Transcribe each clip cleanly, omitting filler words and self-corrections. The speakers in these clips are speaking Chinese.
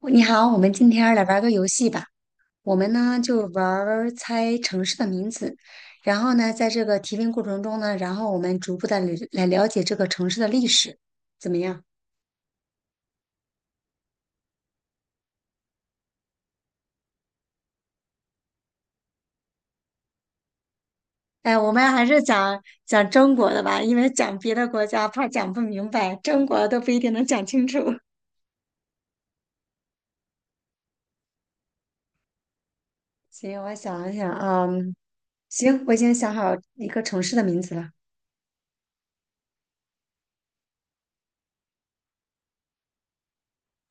哦你好，我们今天儿来玩儿个游戏吧。我们呢就玩儿猜城市的名字，然后呢，在这个提问过程中呢，然后我们逐步的来了解这个城市的历史，怎么样？哎，我们还是讲中国的吧，因为讲别的国家怕讲不明白，中国都不一定能讲清楚。行，我想一想啊，行，我已经想好一个城市的名字了。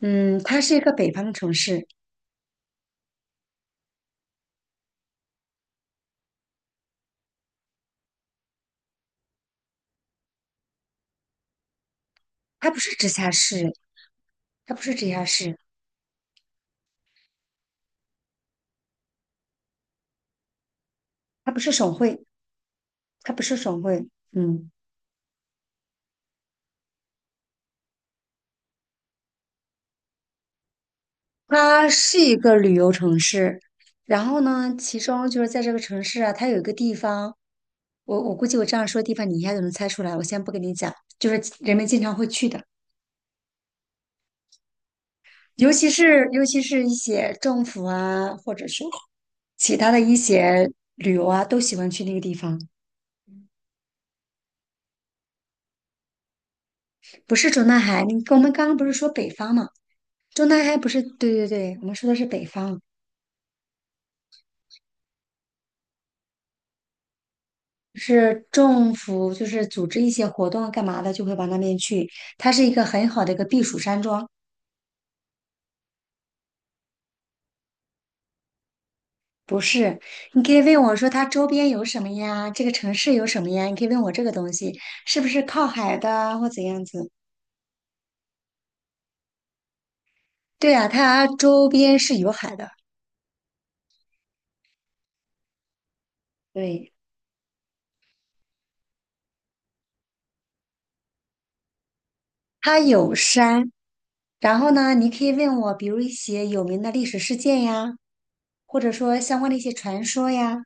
嗯，它是一个北方的城市，它不是直辖市，它不是直辖市，它不是省会。它不是省会，嗯，它是一个旅游城市。然后呢，其中就是在这个城市啊，它有一个地方，我估计我这样说地方你一下就能猜出来。我先不跟你讲，就是人们经常会去的，尤其是一些政府啊，或者是其他的一些旅游啊，都喜欢去那个地方。不是中南海，你我们刚刚不是说北方嘛？中南海不是，对对对，我们说的是北方。是政府就是组织一些活动啊干嘛的，就会往那边去。它是一个很好的一个避暑山庄，不是？你可以问我说它周边有什么呀？这个城市有什么呀？你可以问我这个东西是不是靠海的啊或怎样子？对啊，它周边是有海的，对，它有山。然后呢，你可以问我，比如一些有名的历史事件呀，或者说相关的一些传说呀，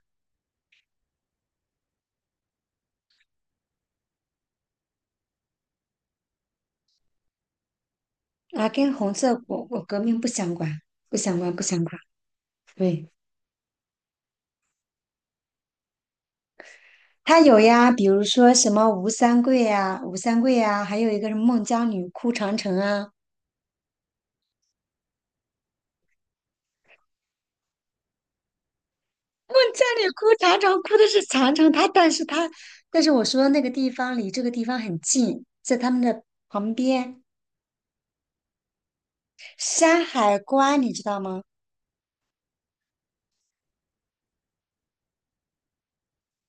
啊，跟红色革命不相关，不相关，不相关，对。他有呀，比如说什么吴三桂呀、吴三桂呀，还有一个什么孟姜女哭长城啊，孟姜女哭长城哭的是长城，他，但是我说的那个地方离这个地方很近，在他们的旁边，山海关你知道吗？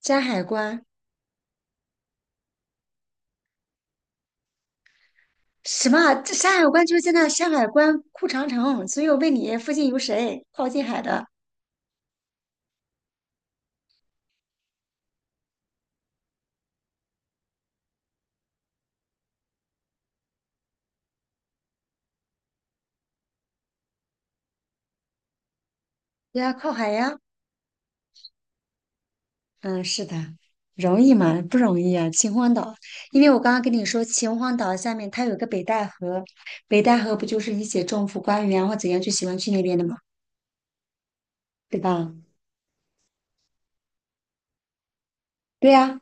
山海关什么啊这山海关就是在那山海关哭长城，所以我问你附近有谁靠近海的？对呀，靠海呀。嗯，是的，容易吗？不容易啊！秦皇岛，因为我刚刚跟你说，秦皇岛下面它有个北戴河，北戴河不就是一些政府官员或怎样就喜欢去那边的嘛，对吧？对呀、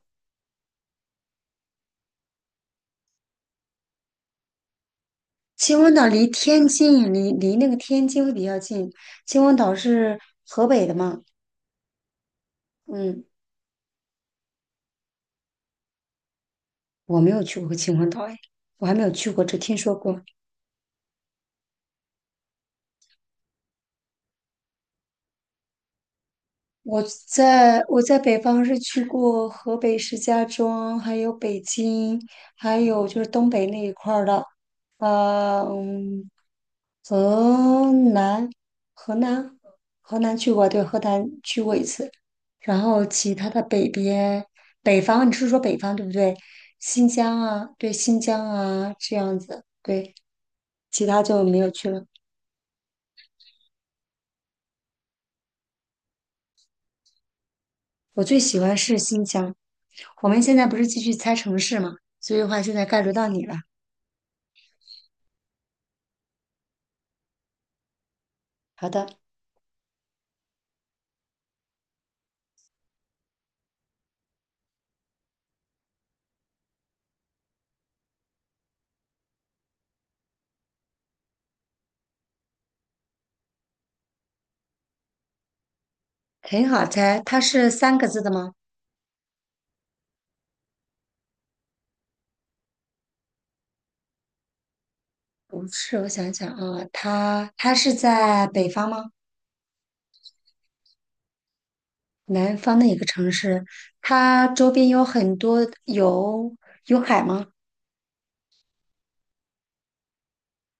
秦皇岛离天津，离那个天津会比较近。秦皇岛是河北的嘛？嗯，我没有去过秦皇岛，哎，我还没有去过，只听说过。我我在北方是去过河北石家庄，还有北京，还有就是东北那一块儿的，嗯，河南，河南，河南去过，对，河南去过一次。然后其他的北边，北方，你是说北方对不对？新疆啊，对，新疆啊，这样子，对，其他就没有去了。我最喜欢是新疆。我们现在不是继续猜城市嘛，所以的话现在该轮到你了。好的，很好猜，它是三个字的吗？不是，我想想啊，它是在北方吗？南方的一个城市，它周边有很多有有海吗？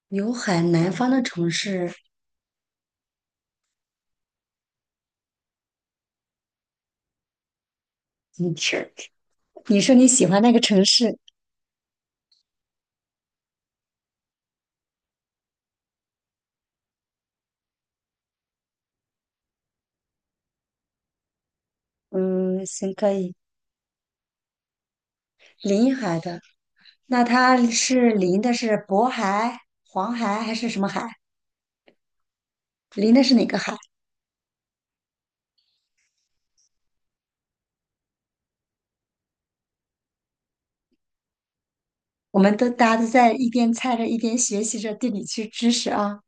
有海，南方的城市，你是你说你喜欢那个城市，嗯，行，可以，临海的，那它是临的是渤海、黄海还是什么海？临的是哪个海？我们都大家都在一边猜着一边学习着地理区知识啊。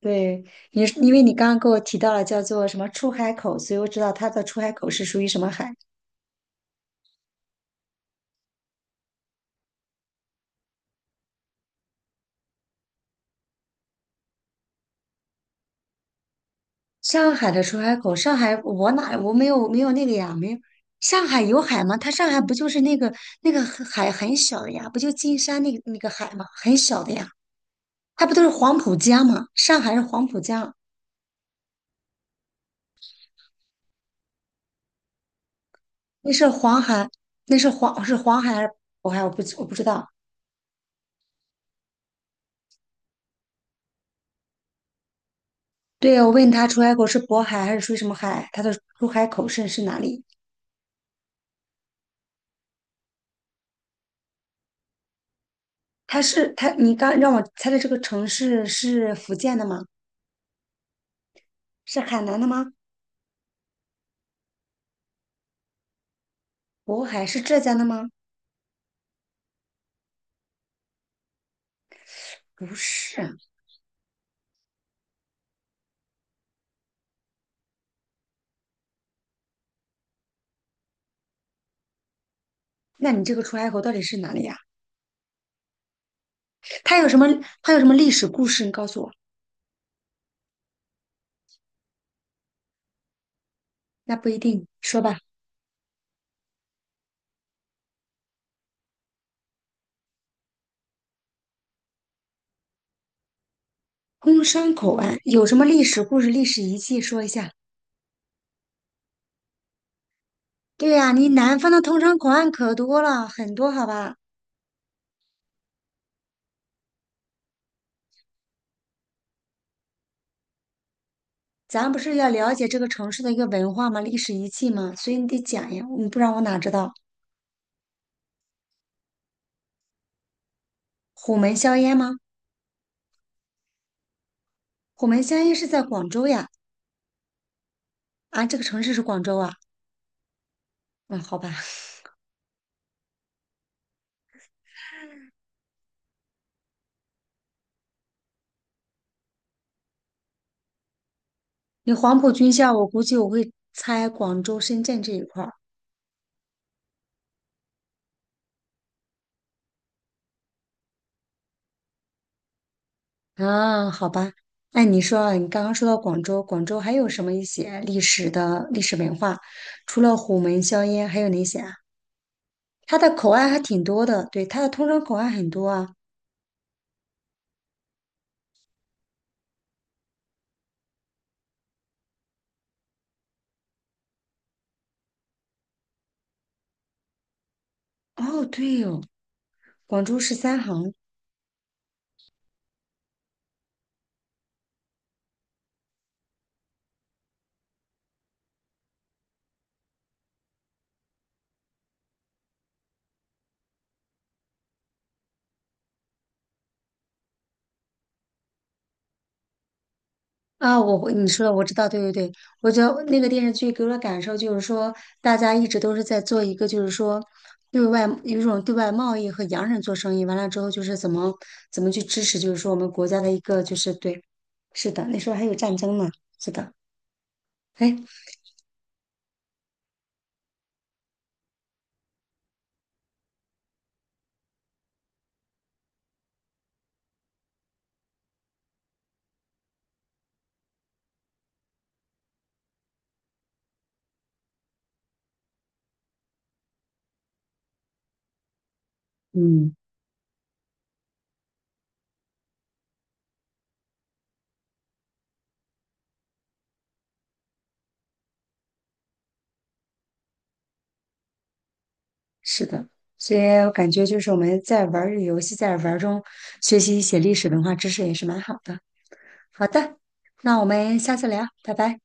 对，因为你刚刚给我提到了叫做什么出海口，所以我知道它的出海口是属于什么海。上海的出海口，上海我没有没有那个呀，没有。上海有海吗？它上海不就是那个海很小的呀，不就金山那个海吗？很小的呀，它不都是黄浦江吗？上海是黄浦江，那是黄海，那是黄是黄海还是渤海？我不知道。对，我问他出海口是渤海还是属于什么海，他的出海口是哪里？它是它，你刚让我猜的这个城市是福建的吗？是海南的吗？渤海是浙江的吗？不是，那你这个出海口到底是哪里呀？它有什么？它有什么历史故事？你告诉我。那不一定，说吧。通商口岸有什么历史故事、历史遗迹？说一下。对呀，你南方的通商口岸可多了，很多，好吧？咱不是要了解这个城市的一个文化吗？历史遗迹吗？所以你得讲呀，你不然我哪知道？虎门销烟吗？虎门销烟是在广州呀。啊，这个城市是广州啊？嗯，好吧。你黄埔军校，我估计我会猜广州、深圳这一块儿啊。好吧，那你说啊，你刚刚说到广州，广州还有什么一些历史的历史文化？除了虎门销烟，还有哪些啊？它的口岸还挺多的，对，它的通商口岸很多啊。哦，对哦，广州十三行，啊，我会你说的我知道，对对对，我觉得那个电视剧给我的感受就是说，大家一直都是在做一个，就是说对外有一种对外贸易和洋人做生意，完了之后就是怎么去支持，就是说我们国家的一个就是对，是的，那时候还有战争呢，是的，哎，嗯，是的，所以我感觉就是我们在玩儿这个游戏，在玩儿中学习一些历史文化知识也是蛮好的。好的，那我们下次聊，拜拜。